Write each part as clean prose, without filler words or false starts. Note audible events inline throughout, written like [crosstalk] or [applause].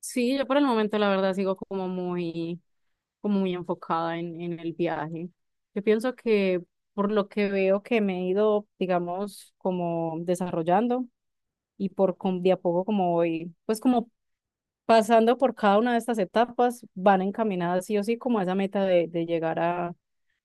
Sí, yo por el momento la verdad sigo como muy enfocada en el viaje. Yo pienso que por lo que veo que me he ido, digamos, como desarrollando y de a poco como voy, pues como pasando por cada una de estas etapas, van encaminadas sí o sí como a esa meta de llegar a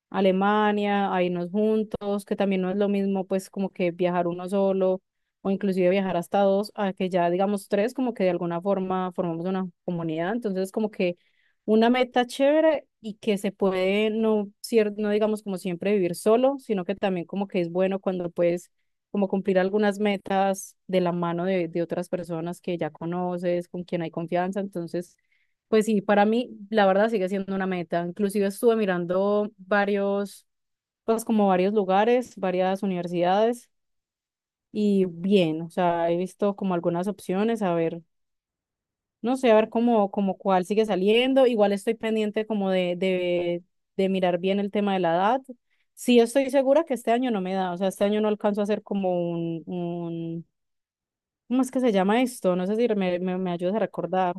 Alemania, a irnos juntos, que también no es lo mismo pues como que viajar uno solo o inclusive viajar hasta dos, a que ya digamos tres, como que de alguna forma formamos una comunidad. Entonces como que una meta chévere y que se puede no, no digamos como siempre vivir solo, sino que también como que es bueno cuando puedes como cumplir algunas metas de la mano de otras personas que ya conoces, con quien hay confianza. Entonces, pues sí, para mí la verdad sigue siendo una meta. Inclusive estuve mirando varios, pues como varios lugares, varias universidades y bien, o sea, he visto como algunas opciones, a ver, no sé, a ver cómo, como cuál sigue saliendo. Igual estoy pendiente como de mirar bien el tema de la edad. Sí, estoy segura que este año no me da, o sea, este año no alcanzo a hacer como un, ¿cómo es que se llama esto? No sé si me ayudas a recordar.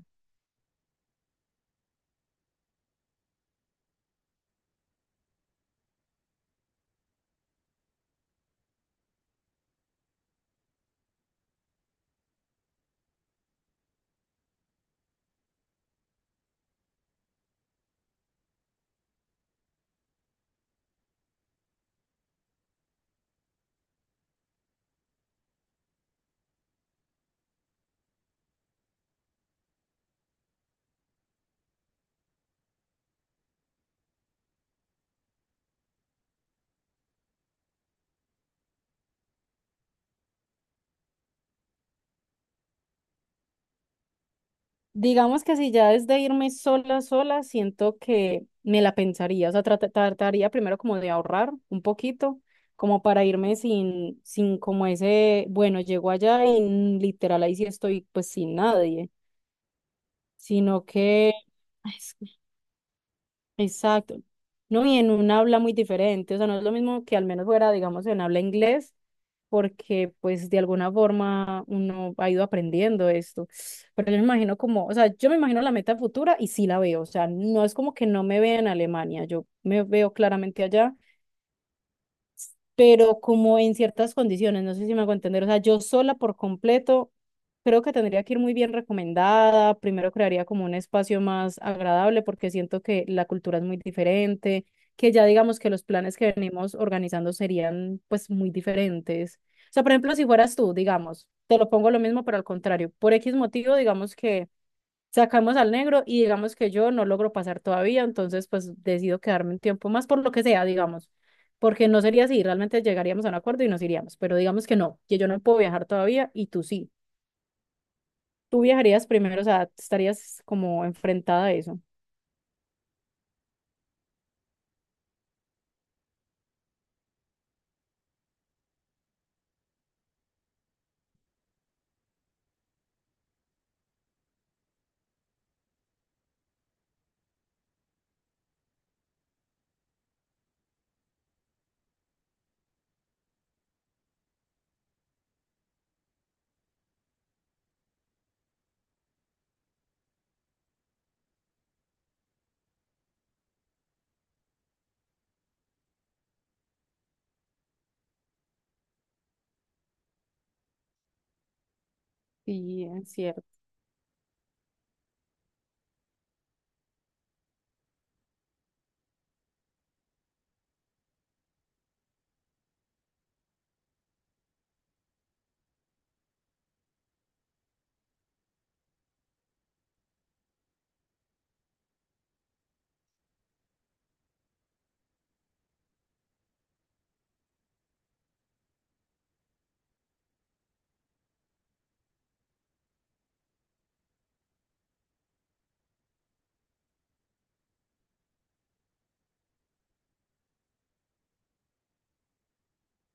Digamos que si ya desde irme sola, sola, siento que me la pensaría, o sea, trataría primero como de ahorrar un poquito, como para irme sin como ese, bueno, llego allá y literal ahí sí estoy pues sin nadie, sino que, exacto. No, y en un habla muy diferente, o sea, no es lo mismo que al menos fuera, digamos, en habla inglés, porque pues de alguna forma uno ha ido aprendiendo esto. Pero yo me imagino como, o sea, yo me imagino la meta futura y sí la veo, o sea, no es como que no me vea en Alemania, yo me veo claramente allá pero como en ciertas condiciones, no sé si me hago entender, o sea, yo sola por completo, creo que tendría que ir muy bien recomendada, primero crearía como un espacio más agradable porque siento que la cultura es muy diferente, que ya digamos que los planes que venimos organizando serían pues muy diferentes. O sea, por ejemplo, si fueras tú, digamos, te lo pongo lo mismo, pero al contrario, por X motivo, digamos que sacamos al negro y digamos que yo no logro pasar todavía, entonces pues decido quedarme un tiempo más por lo que sea, digamos, porque no sería así, realmente llegaríamos a un acuerdo y nos iríamos, pero digamos que no, que yo no puedo viajar todavía y tú sí. Tú viajarías primero, o sea, estarías como enfrentada a eso. Sí, es cierto.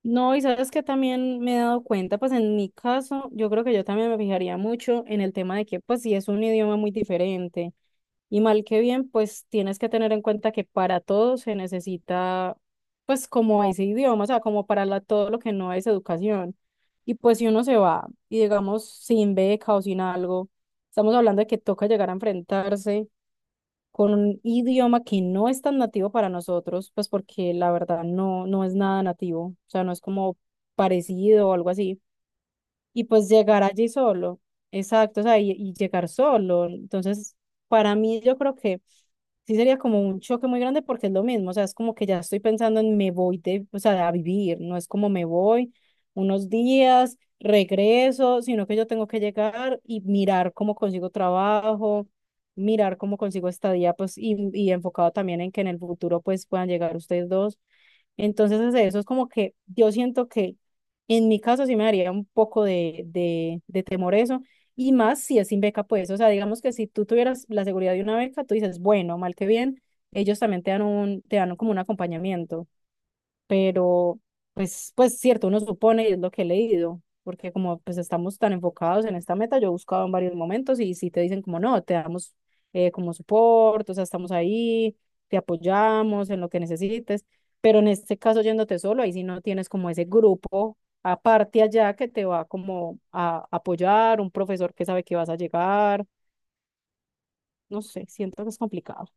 No, y sabes que también me he dado cuenta, pues en mi caso, yo creo que yo también me fijaría mucho en el tema de que, pues si es un idioma muy diferente y mal que bien, pues tienes que tener en cuenta que para todo se necesita, pues como ese idioma, o sea, como todo lo que no es educación. Y pues si uno se va y digamos sin beca o sin algo, estamos hablando de que toca llegar a enfrentarse con un idioma que no es tan nativo para nosotros, pues porque la verdad no, no es nada nativo, o sea, no es como parecido o algo así. Y pues llegar allí solo, exacto, o sea, y llegar solo. Entonces, para mí yo creo que sí sería como un choque muy grande porque es lo mismo, o sea, es como que ya estoy pensando en me voy de, o sea, a vivir, no es como me voy unos días, regreso, sino que yo tengo que llegar y mirar cómo consigo trabajo, mirar cómo consigo estadía, pues, y enfocado también en que en el futuro pues puedan llegar ustedes dos. Entonces, eso es como que yo siento que en mi caso sí me daría un poco de temor eso, y más si es sin beca, pues, o sea, digamos que si tú tuvieras la seguridad de una beca, tú dices, bueno, mal que bien, ellos también te dan como un acompañamiento. Pero pues cierto, uno supone y es lo que he leído, porque como pues estamos tan enfocados en esta meta, yo he buscado en varios momentos y si te dicen como no, te damos como soporte, o sea, estamos ahí, te apoyamos en lo que necesites, pero en este caso yéndote solo, ahí sí no tienes como ese grupo aparte allá que te va como a apoyar, un profesor que sabe que vas a llegar, no sé, siento que es complicado.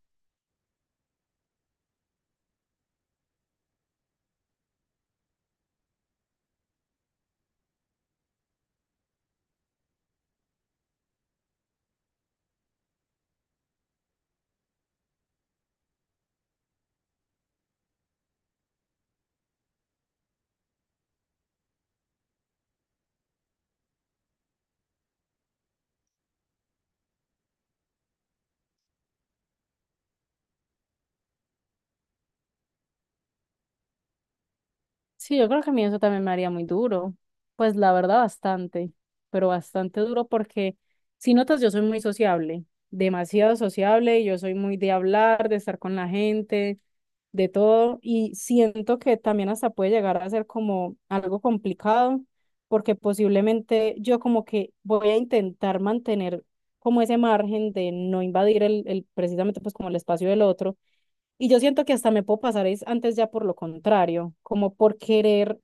Sí, yo creo que a mí eso también me haría muy duro. Pues la verdad, bastante, pero bastante duro porque si notas, yo soy muy sociable, demasiado sociable, yo soy muy de hablar, de estar con la gente, de todo, y siento que también hasta puede llegar a ser como algo complicado porque posiblemente yo como que voy a intentar mantener como ese margen de no invadir el precisamente pues como el espacio del otro y yo siento que hasta me puedo pasar es antes ya por lo contrario, como por querer,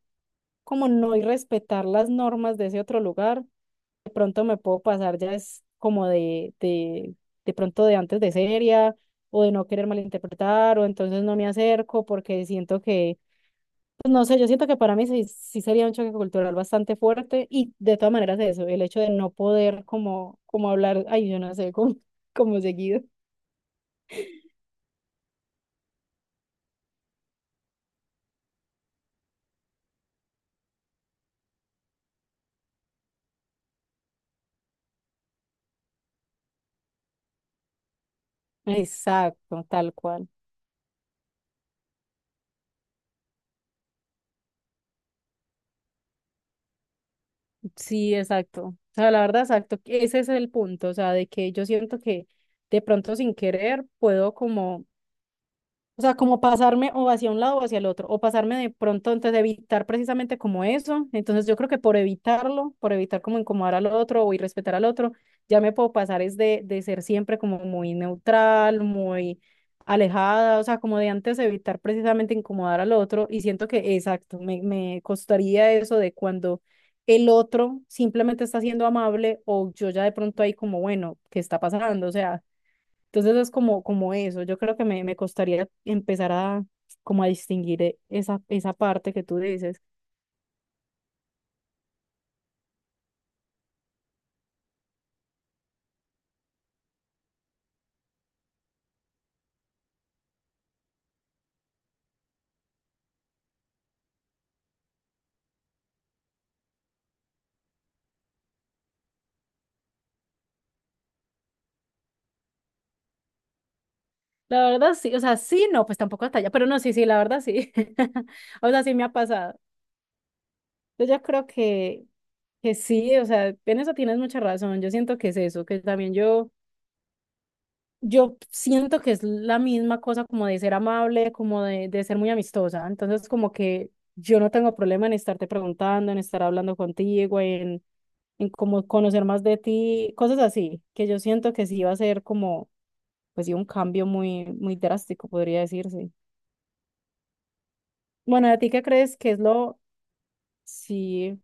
como no ir respetar las normas de ese otro lugar, de pronto me puedo pasar ya es como de pronto de antes de seria o de no querer malinterpretar o entonces no me acerco porque siento que, pues no sé, yo siento que para mí sí, sí sería un choque cultural bastante fuerte y de todas maneras eso, el hecho de no poder como hablar, ay, yo no sé, [laughs] como seguido. Exacto, tal cual. Sí, exacto. O sea, la verdad, exacto. Ese es el punto. O sea, de que yo siento que de pronto sin querer puedo como, o sea, como pasarme o hacia un lado o hacia el otro, o pasarme de pronto, entonces evitar precisamente como eso. Entonces yo creo que por evitarlo, por evitar como incomodar al otro o irrespetar al otro, ya me puedo pasar es de ser siempre como muy neutral, muy alejada, o sea, como de antes evitar precisamente incomodar al otro. Y siento que, exacto, me costaría eso de cuando el otro simplemente está siendo amable o yo ya de pronto ahí como, bueno, ¿qué está pasando? O sea, entonces es como eso, yo creo que me costaría empezar a como a distinguir esa parte que tú dices. La verdad sí, o sea, sí, no, pues tampoco hasta allá, pero no, sí, sí, la verdad sí. [laughs] O sea, sí me ha pasado. Entonces yo creo que sí, o sea, en eso tienes mucha razón, yo siento que es eso, que también yo siento que es la misma cosa como de ser amable, como de ser muy amistosa, entonces como que yo no tengo problema en estarte preguntando, en estar hablando contigo, en como conocer más de ti, cosas así, que yo siento que sí va a ser como, pues sí, un cambio muy, muy drástico, podría decirse. Bueno, ¿a ti qué crees que es lo, sí,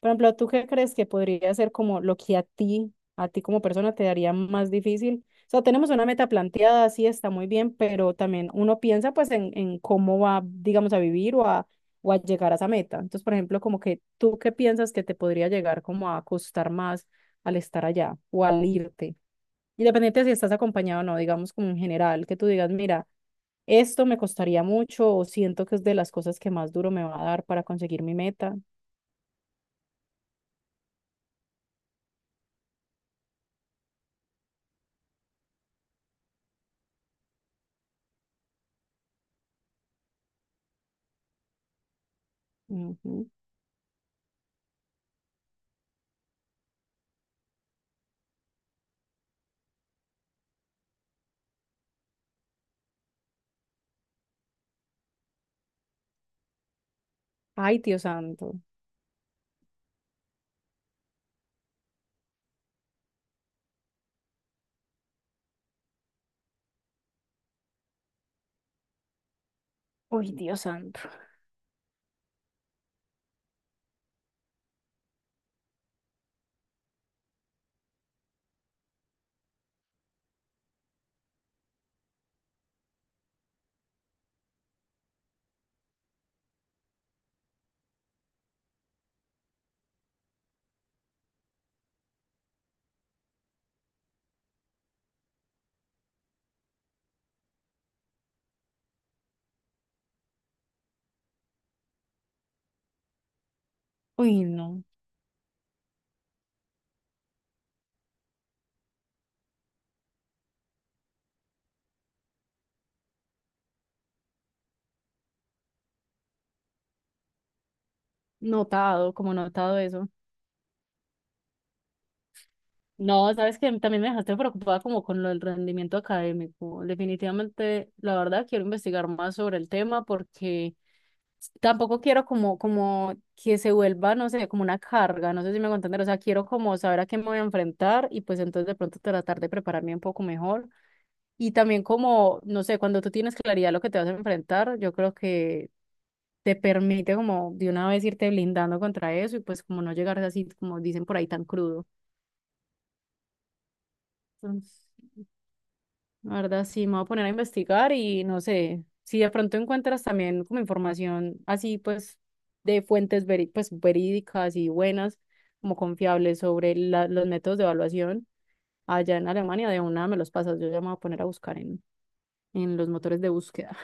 por ejemplo, tú qué crees que podría ser como lo que a ti como persona te daría más difícil? O sea, tenemos una meta planteada, sí está muy bien, pero también uno piensa pues en cómo va, digamos, a vivir o a llegar a esa meta. Entonces, por ejemplo, como que tú qué piensas que te podría llegar como a costar más al estar allá o al irte. Independiente de si estás acompañado o no, digamos como en general, que tú digas, mira, esto me costaría mucho o siento que es de las cosas que más duro me va a dar para conseguir mi meta. Ujú. Ay, Dios santo. Uy, Dios santo. Uy, no. Notado, como notado eso. No, sabes que también me dejaste preocupada como con lo del rendimiento académico. Definitivamente, la verdad, quiero investigar más sobre el tema porque tampoco quiero como que se vuelva, no sé, como una carga, no sé si me voy a entender, o sea, quiero como saber a qué me voy a enfrentar y pues entonces de pronto tratar de prepararme un poco mejor. Y también como, no sé, cuando tú tienes claridad de lo que te vas a enfrentar, yo creo que te permite como de una vez irte blindando contra eso y pues como no llegar así, como dicen por ahí, tan crudo. Entonces, la verdad, sí, me voy a poner a investigar y no sé, si de pronto encuentras también como información así, pues, de fuentes pues, verídicas y buenas, como confiables sobre los métodos de evaluación allá en Alemania, de una me los pasas, yo ya me voy a poner a buscar en, los motores de búsqueda.